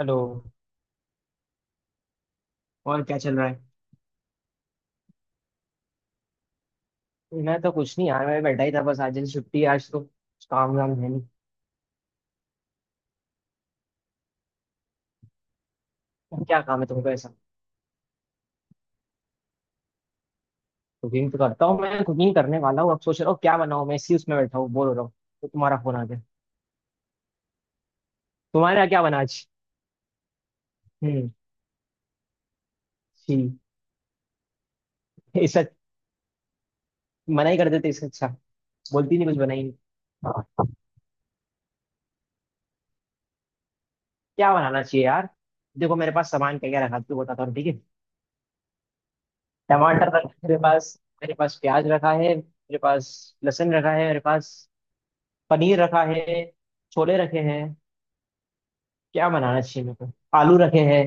Hello. और क्या चल रहा है? मैं तो कुछ नहीं यार, मैं बैठा ही था बस। आज जैसे छुट्टी है, आज तो कुछ काम वाम है नहीं। क्या काम है तुमको ऐसा? कुकिंग तो करता हूँ मैं, कुकिंग करने वाला हूँ अब, सोच रहा हूँ क्या बनाऊँ मैं, इसी उसमें बैठा हूँ, बोर हो रहा हूँ तो तुम्हारा फोन आ गया। तुम्हारे यहाँ क्या बना आज? हम्म। छी। इससे मना ही कर देते इससे अच्छा। बोलती नहीं, कुछ बनाई नहीं? हाँ, क्या बनाना चाहिए यार। देखो मेरे पास सामान क्या क्या रखा है, तू बताता हूँ ठीक है। टमाटर रखा है मेरे पास, मेरे पास प्याज रखा है, मेरे पास लहसुन रखा है, मेरे पास पनीर रखा है, छोले रखे हैं। क्या बनाना चाहिए मेरे को? आलू रखे हैं।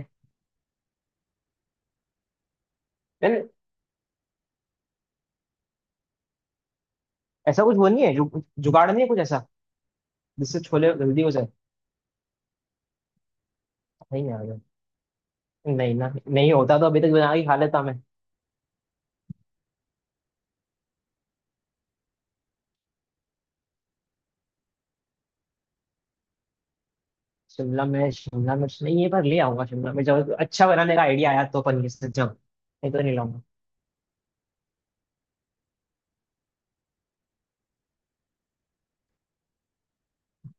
यार ऐसा कुछ वो नहीं है जुगाड़ नहीं है कुछ ऐसा जिससे छोले जल्दी हो जाए। नहीं आ गया, नहीं ना, नहीं होता तो अभी तक बना के खा लेता मैं। शिमला मिर्च, शिमला मिर्च नहीं, ये बार ले आऊंगा शिमला मिर्च, जब अच्छा बनाने का आइडिया आया तो पनीर से, जब नहीं तो नहीं लाऊंगा।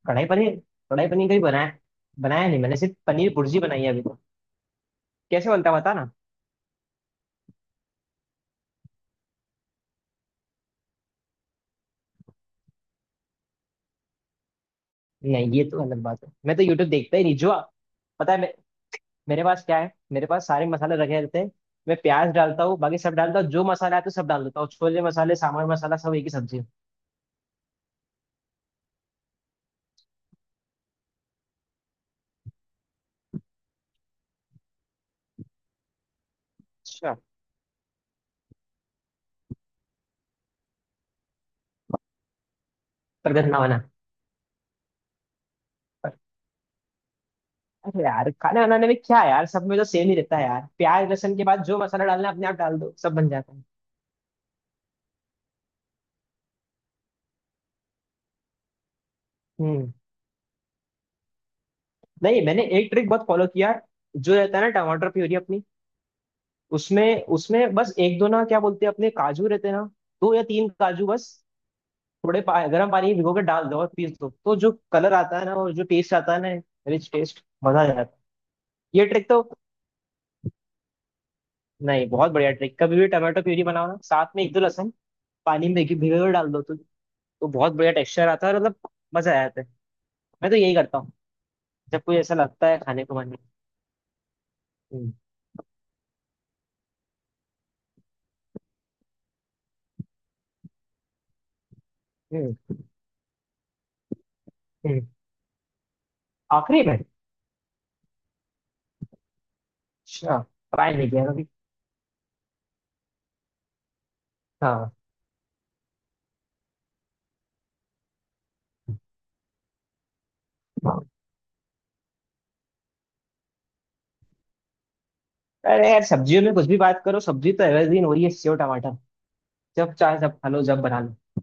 कढ़ाई पनीर। कढ़ाई पनीर कभी बनाया? बनाया नहीं मैंने, सिर्फ पनीर भुर्जी बनाई है अभी तो। कैसे बनता है बता ना। नहीं ये तो अलग बात है, मैं तो यूट्यूब देखता ही नहीं। जो पता है मैं, मेरे पास क्या है, मेरे पास सारे मसाले रखे रहते हैं। मैं प्याज डालता हूँ, बाकी सब डालता हूँ, जो मसाला आता है तो सब डाल देता हूँ, छोले मसाले, सामान मसाला, सब एक ही सब्जी है। अच्छा। पर गंदा बना। अरे यार खाना बनाने में क्या है यार, सब में तो सेम ही रहता है यार, प्याज लहसुन के बाद जो मसाला डालना है अपने आप डाल दो, सब बन जाता है। हम्म। नहीं, मैंने एक ट्रिक बहुत फॉलो किया है, जो रहता है ना टमाटर प्यूरी अपनी, उसमें उसमें बस एक दो, ना क्या बोलते हैं अपने, काजू रहते हैं ना, दो या तीन काजू बस, थोड़े गर्म पानी में भिगो के डाल दो और पीस दो, तो जो कलर आता है ना और जो टेस्ट आता है ना, रिच टेस्ट, मजा आ जाता है। ये ट्रिक तो नहीं, बहुत बढ़िया ट्रिक। कभी भी टमाटो प्यूरी बनाओ ना, साथ में एक दो लहसुन, पानी में भिगो भिगो के डाल दो तो बहुत बढ़िया टेक्सचर आता है और मतलब मजा आ जाता है। मैं तो यही करता हूँ जब कोई ऐसा लगता है, खाने को मन नहीं। हम्म। हम्म। हम्म। आखिरी में। अच्छा। ट्राई नहीं किया कभी। हाँ। अरे यार, सब्जियों में कुछ भी बात करो, सब्जी तो एवरग्रीन हो रही है सेव टमाटर। जब चाहे जब खा लो जब बना लो।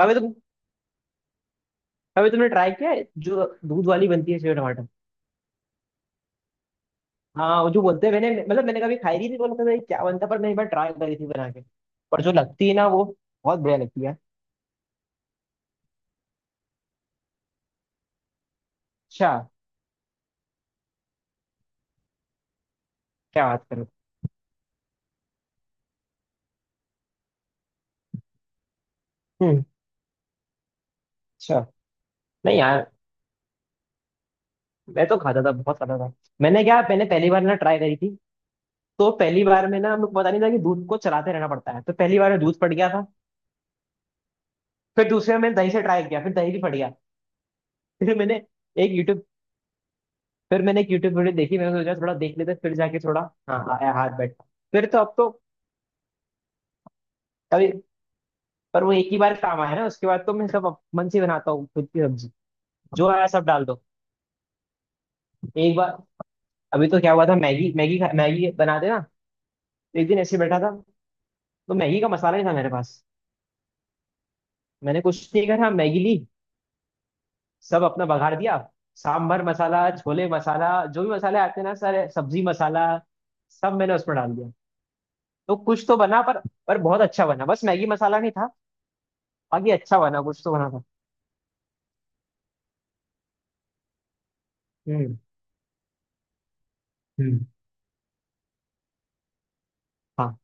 कभी तुम, कभी तुमने ट्राई किया है जो दूध वाली बनती है, सेव टमाटर? हाँ वो जो बोलते हैं, मैंने मतलब मैंने कभी खाई नहीं थी तो लगता था ये क्या बनता है, पर मैं एक बार ट्राई करी थी बना के। पर जो लगती है ना वो बहुत बढ़िया लगती है। अच्छा। क्या बात करो। हम्म। अच्छा। नहीं यार, मैं तो खाता था, बहुत खाता था। मैंने क्या, मैंने पहली बार ना ट्राई करी थी, तो पहली बार में ना हम लोग को पता नहीं था कि दूध को चलाते रहना पड़ता है, तो पहली बार में दूध फट गया था। फिर दूसरे में मैंने दही से ट्राई किया, फिर दही भी फट गया। फिर मैंने एक यूट्यूब फिर मैंने एक यूट्यूब वीडियो देखी, मैंने सोचा थोड़ा देख लेते हैं, फिर जाके थोड़ा हाँ आया, हाथ बैठ। फिर तो अब तो कभी, पर वो एक ही बार काम आया ना, उसके बाद तो मैं सब मन से बनाता हूँ, खुद की सब्जी, जो आया सब डाल दो। एक बार, अभी तो क्या हुआ था, मैगी मैगी खा- मैगी बनाते ना, तो एक दिन ऐसे बैठा था, तो मैगी का मसाला नहीं था मेरे पास। मैंने कुछ नहीं करा, मैगी ली, सब अपना बघार दिया, सांभर मसाला, छोले मसाला, जो भी मसाले आते हैं ना सारे, सब्जी मसाला, सब मैंने उसमें डाल दिया। तो कुछ तो बना, पर बहुत अच्छा बना, बस मैगी मसाला नहीं था, बाकी अच्छा बना, कुछ तो बना था। हम्म। हम्म। हाँ।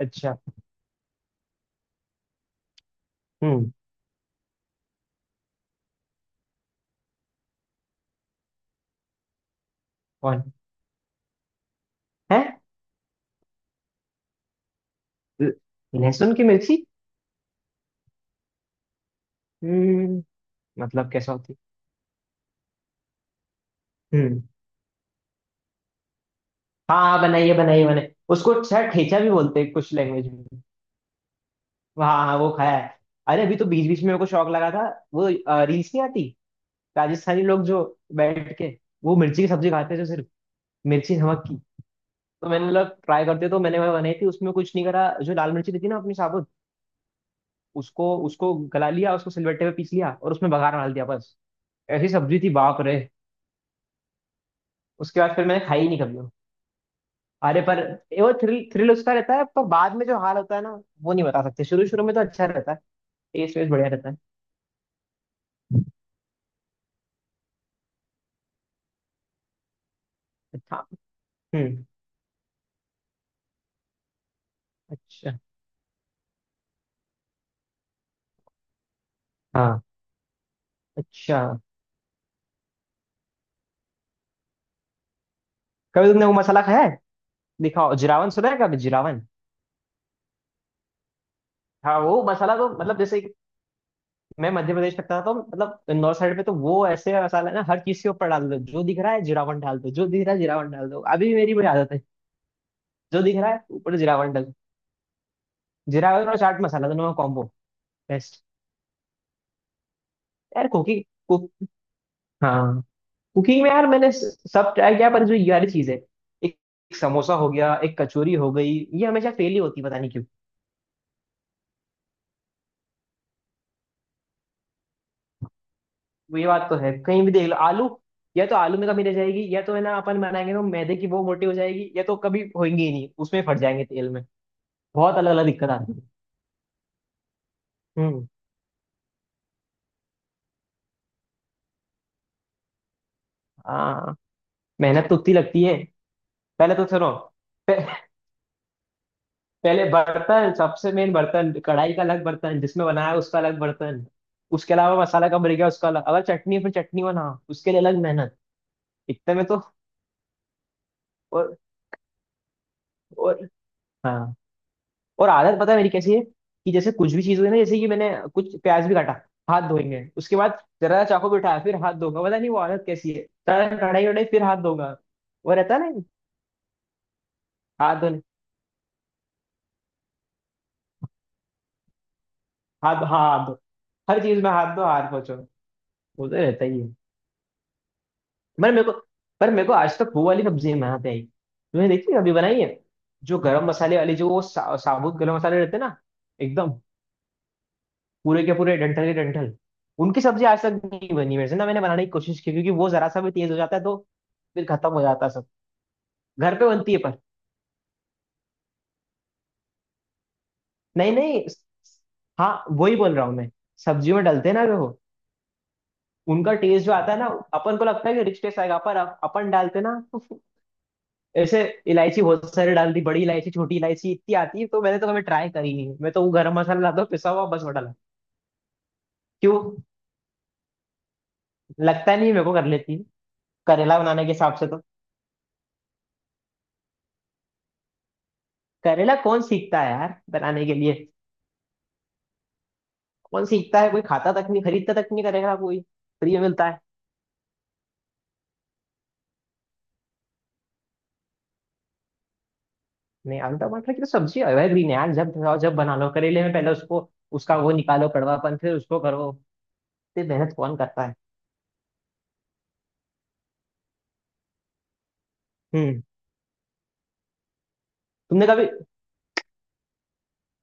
अच्छा। हम्म। कौन है? ल- लहसुन की मिर्ची। हम्म। मतलब कैसा होती? हम्म। हाँ हाँ, बनाइए बनाइए, मैंने उसको शायद ठेचा भी बोलते हैं कुछ लैंग्वेज में। हाँ हाँ, वो खाया है। अरे अभी तो बीच बीच में मेरे को शौक लगा था, वो रील्स नहीं आती, राजस्थानी लोग जो बैठ के वो मिर्ची की सब्जी खाते हैं, जो सिर्फ मिर्ची नमक की। तो मैंने मतलब ट्राई करते, तो मैंने वह बनाई थी, उसमें कुछ नहीं करा, जो लाल मिर्ची थी ना अपनी साबुत, उसको उसको गला लिया, उसको सिलबट्टे पे पीस लिया और उसमें बघार डाल दिया बस। ऐसी सब्जी थी बाप रे। उसके बाद फिर मैंने खाई ही नहीं कभी। अरे पर, ये वो थ्रिल थ्रिल उसका रहता है, पर बाद में जो हाल होता है ना, वो नहीं बता सकते। शुरू शुरू में तो अच्छा रहता है, टेस्ट वेस्ट बढ़िया रहता है। अच्छा। हम्म। अच्छा। हाँ। अच्छा। कभी तुमने वो मसाला खाया है, दिखाओ, जिरावन सुना है कभी, जिरावन? हाँ, वो मसाला तो मतलब जैसे कि, मैं मध्य प्रदेश में था, तो मतलब नॉर्थ साइड में, तो वो ऐसे मसाला है ना, हर चीज के ऊपर डाल दो, जो दिख रहा है जिरावन डाल दो, जो दिख रहा है जिरावन डाल दो, अभी भी मेरी वही आदत है, जो दिख रहा है ऊपर जिरावन डाल दो। जिरावन और चाट मसाला दोनों का कॉम्बो बेस्ट। यार, कुकी कुक हाँ, कुकिंग में यार मैंने सब ट्राई किया, पर जो ये वाली चीज है, एक, एक समोसा हो गया, एक कचौरी हो गई, ये हमेशा फेल ही होती है, पता नहीं क्यों। वो ये बात तो है, कहीं भी देख लो आलू, या तो आलू में कमी रह जाएगी, या तो है ना अपन बनाएंगे तो मैदे की वो मोटी हो जाएगी, या तो कभी होंगी ही नहीं, उसमें फट जाएंगे तेल में। बहुत अलग अलग दिक्कत आती है। हम्म। हाँ। मेहनत तो उतनी लगती है। पहले तो सुनो, पे- पहले बर्तन, सबसे मेन बर्तन कढ़ाई का, अलग बर्तन जिसमें बनाया उसका, अलग बर्तन उसके अलावा मसाला कब रह गया उसका अलग, अगर चटनी है, फिर चटनी बना उसके लिए अलग मेहनत। इतने में तो। और और हाँ, और आदत पता है मेरी कैसी है, कि जैसे कुछ भी चीज हुई ना, जैसे कि मैंने कुछ प्याज भी काटा, हाथ धोएंगे, उसके बाद जरा चाकू भी उठाया फिर हाथ धोगा, पता नहीं वो आदत कैसी है। सारा कढ़ाई वढ़ाई फिर हाथ धोगा, वो रहता है ना। हाथ धोने। हाथ, हाँ, हाथ धो, हर चीज में हाथ धो हाथ पोछो। वो तो रहता ही है। पर मेरे को पर मेरे को आज तक वो वाली सब्जी नहीं बनाते आई, तुमने देखी है, अभी बनाई है। जो गरम मसाले वाली, जो वो साबुत गरम मसाले रहते हैं ना, एकदम, पूरे के पूरे, डंठल के डंठल। उनकी सब्जी आज तक नहीं बनी मेरे से ना, मैंने बनाने की कोशिश की, क्योंकि वो जरा सा भी तेज हो जाता है तो फिर खत्म हो जाता है सब, घर पे बनती है पर। नहीं नहीं, हाँ वही बोल रहा हूँ मैं। सब्जियों में डालते हैं ना वो, उनका टेस्ट जो आता है ना, अपन को लगता है कि रिच टेस्ट आएगा, पर अपन डालते ना तो ऐसे इलायची बहुत सारी डाल दी, बड़ी इलायची, छोटी इलायची, इतनी आती है, तो मैंने तो कभी ट्राई करी नहीं, मैं तो वो गरम मसाला लाता हूँ पिसा हुआ, बस वो डाला। क्यों? लगता नहीं मेरे को कर लेती। करेला बनाने के हिसाब से तो, करेला कौन सीखता है यार बनाने के लिए? कौन सीखता है, कोई खाता तक नहीं, खरीदता तक नहीं करेगा कोई, फ्री में मिलता है। नहीं, आलू टमाटर की तो सब्जी एवरग्रीन है यार, जब खाओ जब बना लो। करेले में पहले उसको, उसका वो निकालो कड़वापन, फिर उसको करो। इतनी मेहनत कौन करता है। हम्म। तुमने कभी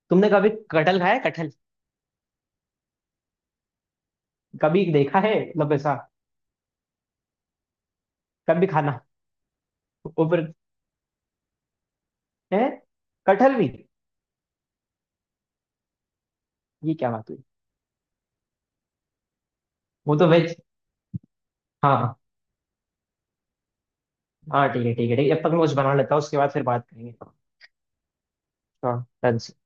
तुमने कभी कटहल खाया है? कटहल कभी देखा है मतलब ऐसा? कभी खाना? ऊपर है कटहल भी? ये क्या बात हुई। वो तो वेज। हाँ, हाँ ठीक है ठीक है ठीक है, अब तक मैं कुछ बना लेता हूँ, उसके बाद फिर बात करेंगे। हाँ। डन।